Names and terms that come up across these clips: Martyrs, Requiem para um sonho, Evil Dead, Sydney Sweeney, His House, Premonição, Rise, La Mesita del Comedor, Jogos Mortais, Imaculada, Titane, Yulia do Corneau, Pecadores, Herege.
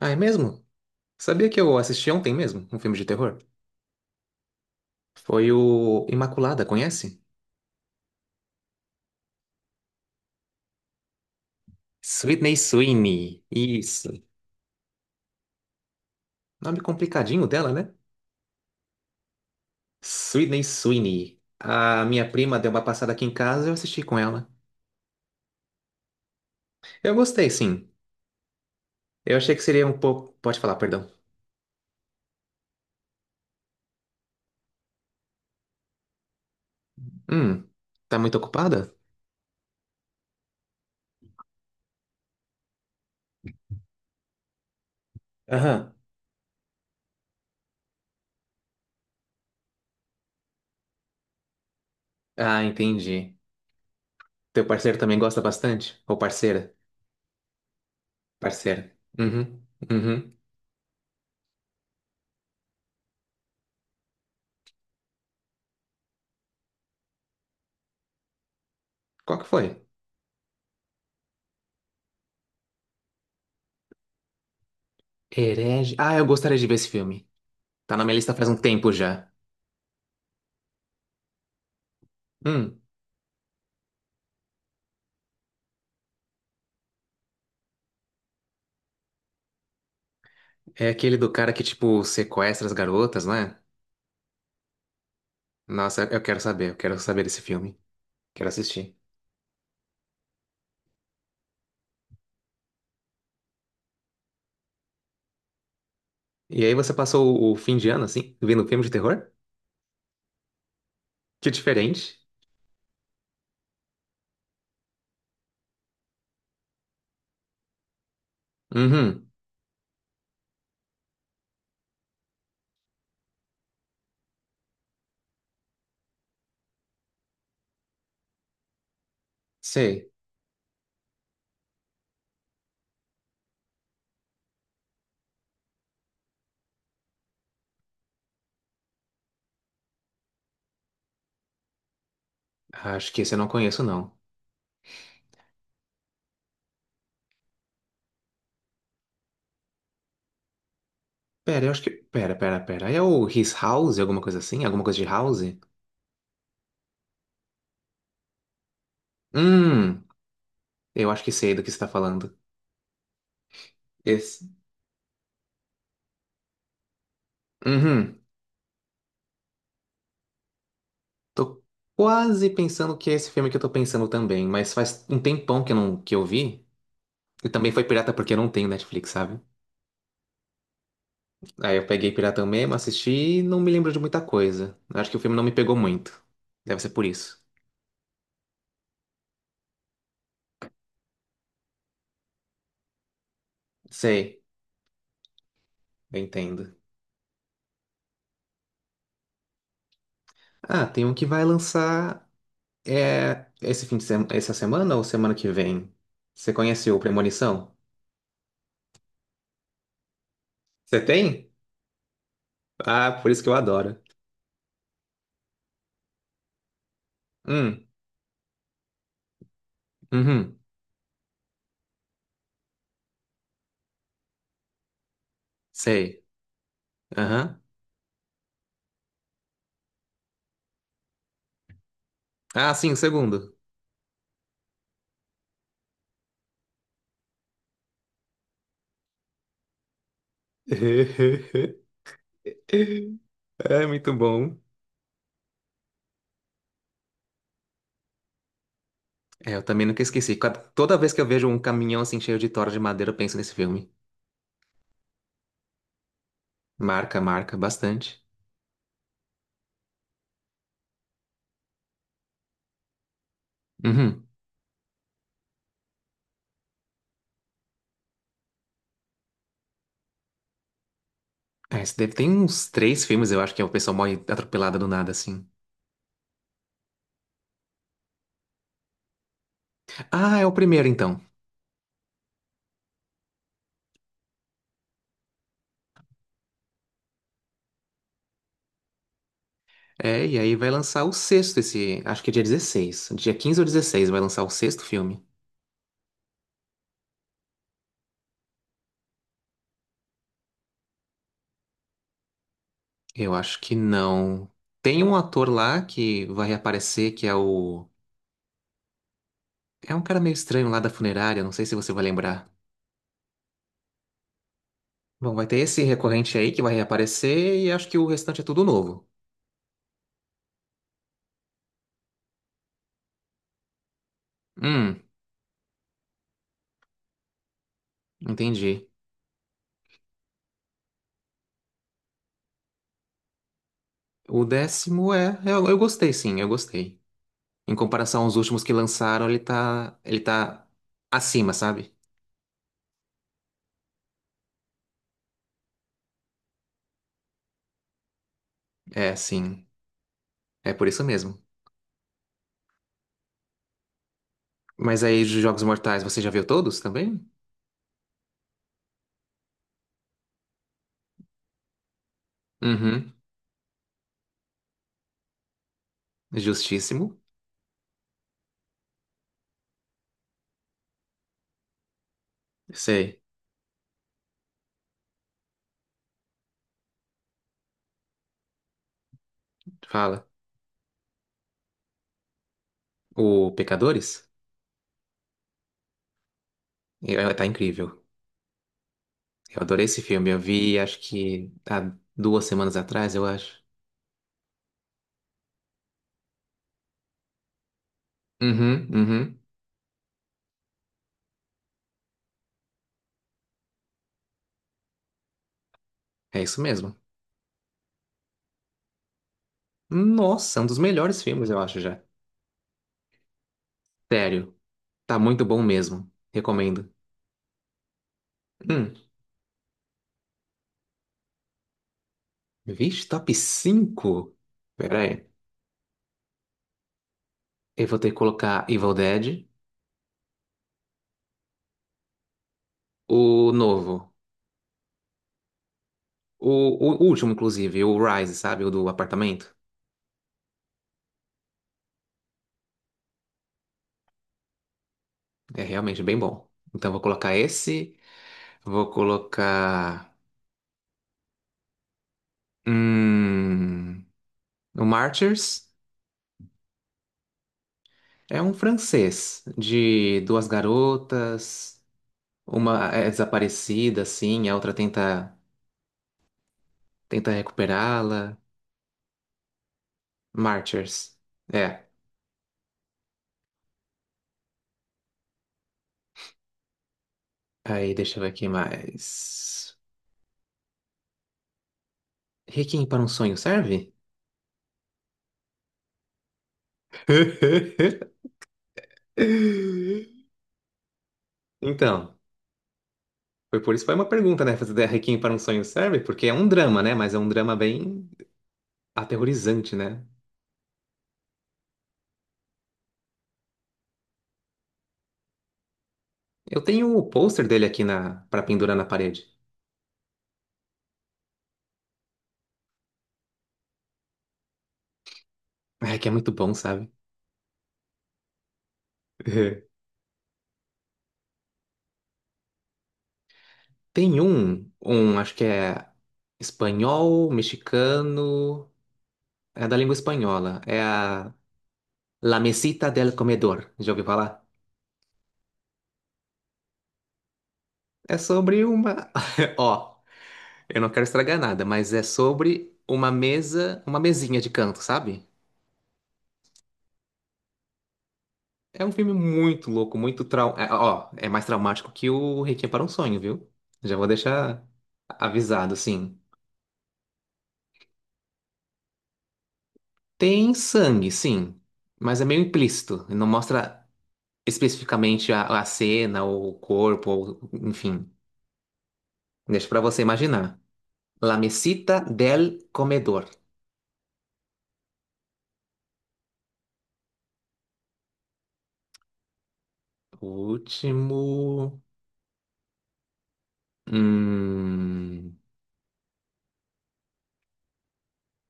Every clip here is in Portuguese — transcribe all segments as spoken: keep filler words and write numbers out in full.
Ah, é mesmo? Sabia que eu assisti ontem mesmo um filme de terror? Foi o Imaculada, conhece? Sydney Sweeney. Isso. Nome complicadinho dela, né? Sydney Sweeney. A minha prima deu uma passada aqui em casa e eu assisti com ela. Eu gostei, sim. Eu achei que seria um pouco. Pode falar, perdão. Hum, tá muito ocupada? Aham. Ah, entendi. Teu parceiro também gosta bastante? Ou parceira? Parceira. Uhum, uhum. Qual que foi? Herege. Ah, eu gostaria de ver esse filme. Tá na minha lista faz um tempo já. Hum, é aquele do cara que, tipo, sequestra as garotas, não é? Nossa, eu quero saber, eu quero saber desse filme. Quero assistir. E aí você passou o o fim de ano, assim, vendo um filme de terror? Que diferente. Uhum, sei. Acho que esse eu não conheço, não. Pera, eu acho que... Pera, pera, pera. É o His House, alguma coisa assim? Alguma coisa de House? Hum, eu acho que sei do que você tá falando. Esse... Uhum. Tô quase pensando que é esse filme que eu tô pensando também, mas faz um tempão que eu não, que eu vi. E também foi pirata porque eu não tenho Netflix, sabe? Aí eu peguei pirata mesmo, assisti e não me lembro de muita coisa. Acho que o filme não me pegou muito. Deve ser por isso. Sei, eu entendo. Ah, tem um que vai lançar é, esse fim de semana, essa semana ou semana que vem? Você conhece o Premonição? Você tem? Ah, por isso que eu adoro. Hum, uhum, sei. Aham. Ah, sim, o segundo. É muito bom. É, eu também nunca esqueci. Cada- Toda vez que eu vejo um caminhão assim cheio de tora de madeira, eu penso nesse filme. Marca, marca bastante. Uhum. É, esse deve ter uns três filmes, eu acho que é o pessoal morre atropelada do nada, assim. Ah, é o primeiro, então. É, e aí vai lançar o sexto, esse. Acho que é dia dezesseis, dia quinze ou dezesseis vai lançar o sexto filme. Eu acho que não. Tem um ator lá que vai reaparecer, que é o. É um cara meio estranho lá da funerária, não sei se você vai lembrar. Bom, vai ter esse recorrente aí que vai reaparecer e acho que o restante é tudo novo. Hum, Entendi. O décimo é. Eu, eu gostei, sim, eu gostei. Em comparação aos últimos que lançaram, ele tá. Ele tá acima, sabe? É, sim. É por isso mesmo. Mas aí, de Jogos Mortais, você já viu todos também? Uhum. Justíssimo. Sei. Fala. O Pecadores? É, é, tá incrível. Eu adorei esse filme. Eu vi, acho que há duas semanas atrás, eu acho. Uhum, uhum. É isso mesmo. Nossa, é um dos melhores filmes, eu acho já. Sério. Tá muito bom mesmo. Recomendo. Hum, Vixe, top cinco. Pera aí. Eu vou ter que colocar Evil Dead, o novo. O, o último, inclusive, o Rise, sabe? O do apartamento. É realmente bem bom. Então vou colocar esse. Vou colocar. Hum, o Martyrs. É um francês de duas garotas. Uma é desaparecida, assim, a outra tenta, tenta recuperá-la. Martyrs. É. Aí, deixa eu ver aqui mais. Requiem para um sonho serve? Então, foi por isso que foi uma pergunta, né? Fazer Requiem para um sonho serve? Porque é um drama, né? Mas é um drama bem aterrorizante, né? Eu tenho o pôster dele aqui na para pendurar na parede. É que é muito bom, sabe? Tem um, um, acho que é espanhol, mexicano, é da língua espanhola. É a La Mesita del Comedor. Já ouviu falar? É sobre uma. Ó. Eu não quero estragar nada, mas é sobre uma mesa, uma mesinha de canto, sabe? É um filme muito louco, muito trau... é, ó, é mais traumático que o Requiem para um Sonho, viu? Já vou deixar avisado, assim. Tem sangue, sim, mas é meio implícito. Não mostra especificamente a, a cena, ou o corpo, ou, enfim. Deixa pra você imaginar. La mesita del comedor. Último. Hum,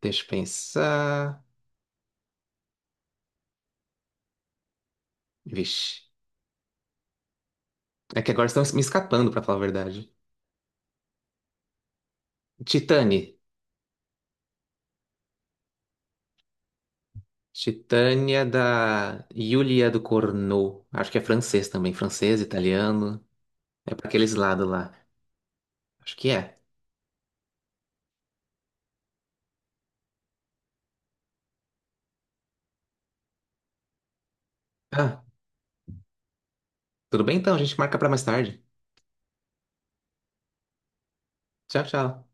Deixa eu pensar. Vixe. É que agora estão me escapando, pra falar a verdade. Titane. Titânia da Yulia do Corneau. Acho que é francês também. Francês, italiano. É pra aqueles lados lá. Acho que é. Ah, tudo bem então, a gente marca pra mais tarde. Tchau, tchau.